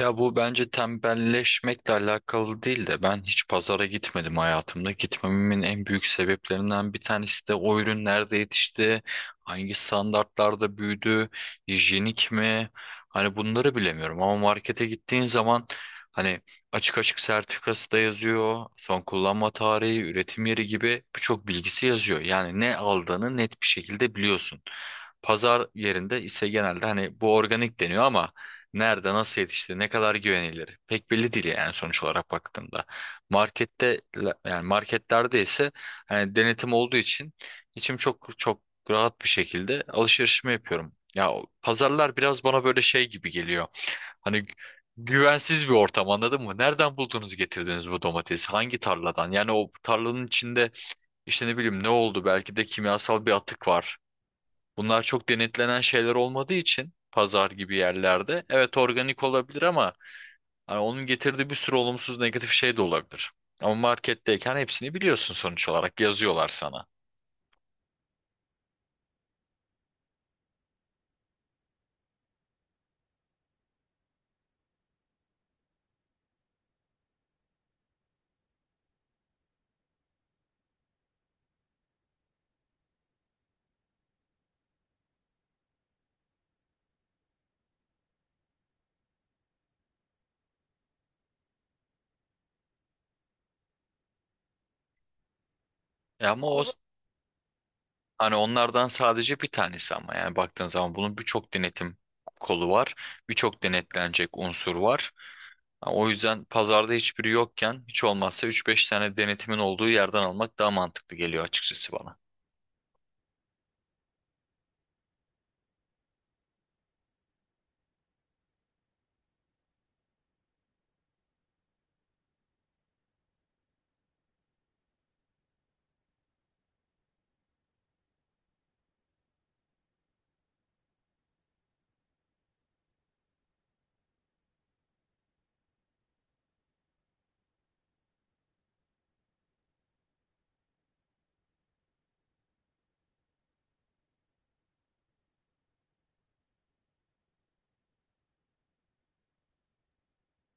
Ya bu bence tembelleşmekle alakalı değil de ben hiç pazara gitmedim hayatımda. Gitmememin en büyük sebeplerinden bir tanesi de o ürün nerede yetişti, hangi standartlarda büyüdü, hijyenik mi? Hani bunları bilemiyorum ama markete gittiğin zaman hani açık açık sertifikası da yazıyor, son kullanma tarihi, üretim yeri gibi birçok bilgisi yazıyor. Yani ne aldığını net bir şekilde biliyorsun. Pazar yerinde ise genelde hani bu organik deniyor ama nerede, nasıl yetişti, ne kadar güvenilir? Pek belli değil yani sonuç olarak baktığımda. Markette yani marketlerde ise hani denetim olduğu için içim çok rahat bir şekilde alışverişimi yapıyorum. Ya o pazarlar biraz bana böyle şey gibi geliyor. Hani güvensiz bir ortam, anladın mı? Nereden buldunuz, getirdiniz bu domatesi? Hangi tarladan? Yani o tarlanın içinde işte ne bileyim ne oldu? Belki de kimyasal bir atık var. Bunlar çok denetlenen şeyler olmadığı için pazar gibi yerlerde evet organik olabilir ama hani onun getirdiği bir sürü olumsuz negatif şey de olabilir. Ama marketteyken hepsini biliyorsun sonuç olarak, yazıyorlar sana. E ama o hani onlardan sadece bir tanesi, ama yani baktığın zaman bunun birçok denetim kolu var. Birçok denetlenecek unsur var. Ha, o yüzden pazarda hiçbiri yokken hiç olmazsa üç beş tane denetimin olduğu yerden almak daha mantıklı geliyor açıkçası bana.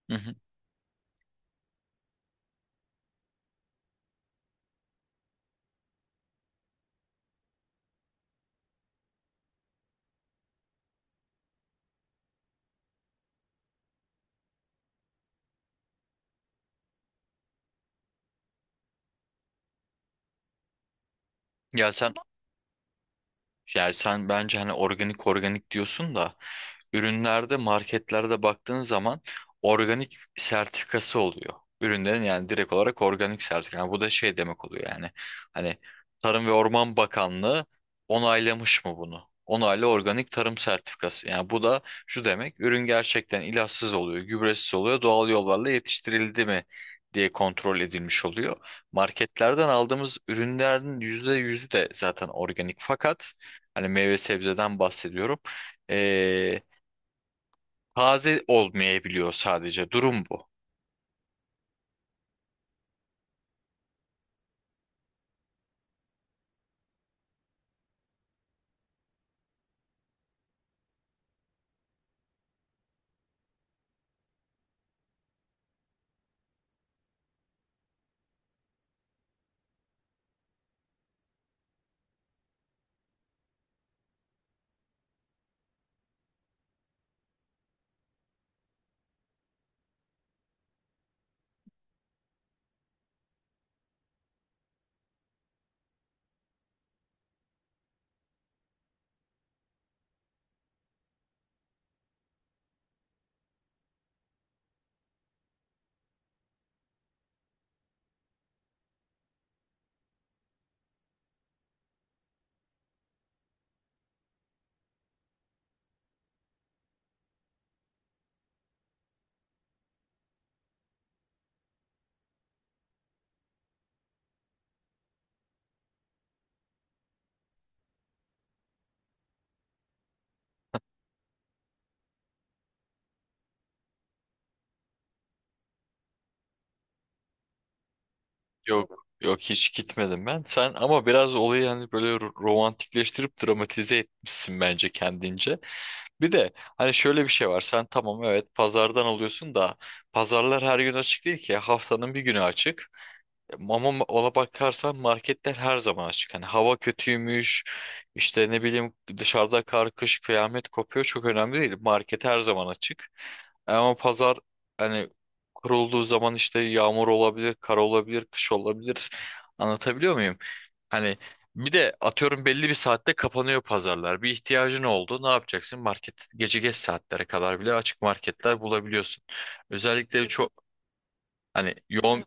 Hı hı. Ya sen Yani sen bence hani organik diyorsun da ürünlerde, marketlerde baktığın zaman organik sertifikası oluyor. Ürünlerin yani direkt olarak organik sertifika. Yani bu da şey demek oluyor yani. Hani Tarım ve Orman Bakanlığı onaylamış mı bunu? Onaylı organik tarım sertifikası. Yani bu da şu demek: ürün gerçekten ilaçsız oluyor, gübresiz oluyor, doğal yollarla yetiştirildi mi diye kontrol edilmiş oluyor. Marketlerden aldığımız ürünlerin %100'ü de zaten organik, fakat hani meyve sebzeden bahsediyorum. Ee, Taze olmayabiliyor sadece. Durum bu. Yok. Yok, hiç gitmedim ben. Sen ama biraz olayı hani böyle romantikleştirip dramatize etmişsin bence kendince. Bir de hani şöyle bir şey var. Sen tamam evet pazardan alıyorsun da pazarlar her gün açık değil ki. Haftanın bir günü açık. Ama ona bakarsan marketler her zaman açık. Hani hava kötüymüş, işte ne bileyim dışarıda kar, kış, kıyamet kopuyor, çok önemli değil. Market her zaman açık. Ama pazar hani kurulduğu zaman işte yağmur olabilir, kar olabilir, kış olabilir. Anlatabiliyor muyum? Hani bir de atıyorum belli bir saatte kapanıyor pazarlar. Bir ihtiyacın oldu, ne yapacaksın? Market gece geç saatlere kadar bile açık, marketler bulabiliyorsun. Özellikle çok hani yoğun.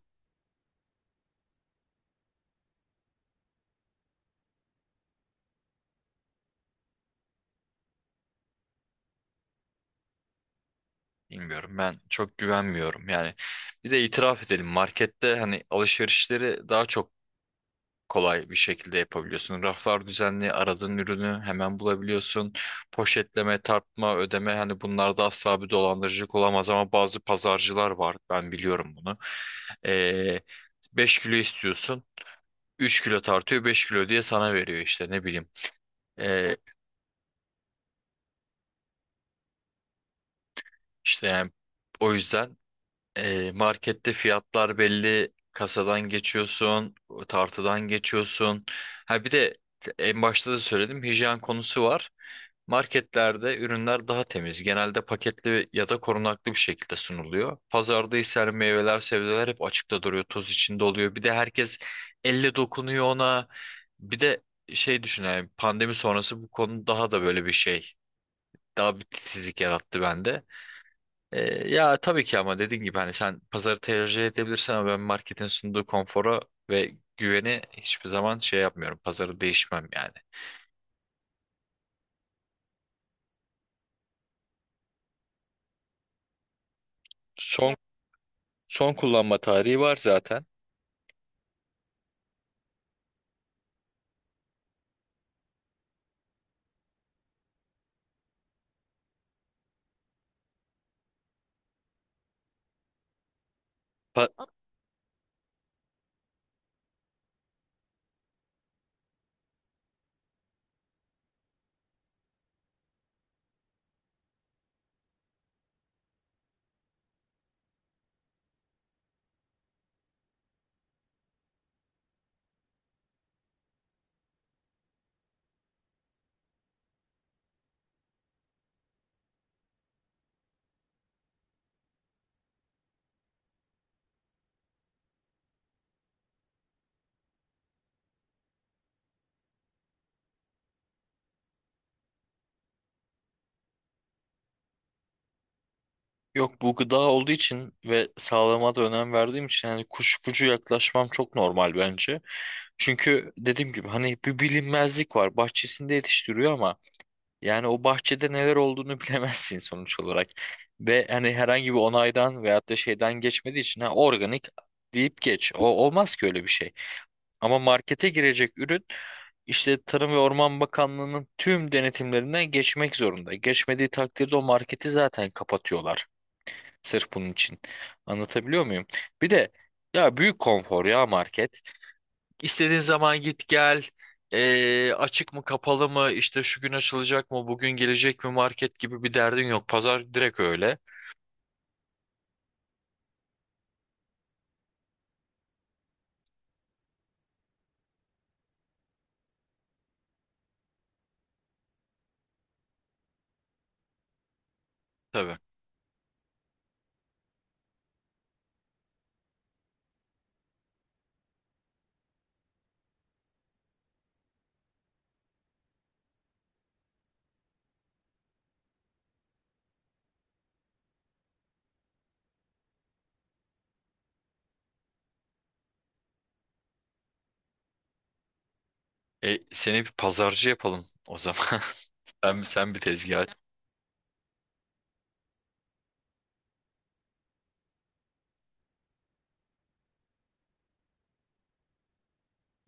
Bilmiyorum, ben çok güvenmiyorum yani. Bir de itiraf edelim, markette hani alışverişleri daha çok kolay bir şekilde yapabiliyorsun. Raflar düzenli, aradığın ürünü hemen bulabiliyorsun. Poşetleme, tartma, ödeme, hani bunlarda asla bir dolandırıcılık olamaz ama bazı pazarcılar var, ben biliyorum bunu. Ee, 5 kilo istiyorsun, 3 kilo tartıyor, 5 kilo diye sana veriyor, işte ne bileyim. Ee, işte yani o yüzden, e, markette fiyatlar belli, kasadan geçiyorsun, tartıdan geçiyorsun. Ha bir de en başta da söyledim, hijyen konusu var. Marketlerde ürünler daha temiz. Genelde paketli ya da korunaklı bir şekilde sunuluyor. Pazarda ise her meyveler, sebzeler hep açıkta duruyor, toz içinde oluyor. Bir de herkes elle dokunuyor ona. Bir de şey düşün, yani pandemi sonrası bu konu daha da böyle bir şey. Daha bir titizlik yarattı bende. E, Ya tabii ki ama dediğin gibi hani sen pazarı tercih edebilirsin ama ben marketin sunduğu konfora ve güveni hiçbir zaman şey yapmıyorum. Pazarı değişmem yani. Son son kullanma tarihi var zaten. Pa- Yok, bu gıda olduğu için ve sağlığıma da önem verdiğim için hani kuşkucu yaklaşmam çok normal bence. Çünkü dediğim gibi hani bir bilinmezlik var. Bahçesinde yetiştiriyor ama yani o bahçede neler olduğunu bilemezsin sonuç olarak. Ve hani herhangi bir onaydan veyahut da şeyden geçmediği için, ha, organik deyip geç. O olmaz ki öyle bir şey. Ama markete girecek ürün işte Tarım ve Orman Bakanlığı'nın tüm denetimlerinden geçmek zorunda. Geçmediği takdirde o marketi zaten kapatıyorlar. Sırf bunun için. Anlatabiliyor muyum? Bir de ya büyük konfor ya market. İstediğin zaman git gel. Açık mı kapalı mı, işte şu gün açılacak mı, bugün gelecek mi, market gibi bir derdin yok. Pazar direkt öyle. Tabii. E, seni bir pazarcı yapalım o zaman. Sen bir tezgah aç.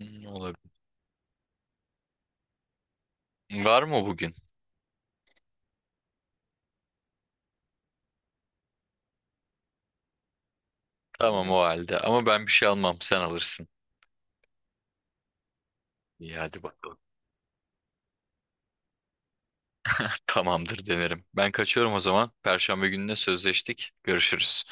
Hmm, olabilir. Var mı bugün? Tamam o halde. Ama ben bir şey almam. Sen alırsın. İyi, hadi bakalım. Tamamdır, denerim. Ben kaçıyorum o zaman. Perşembe gününe sözleştik. Görüşürüz.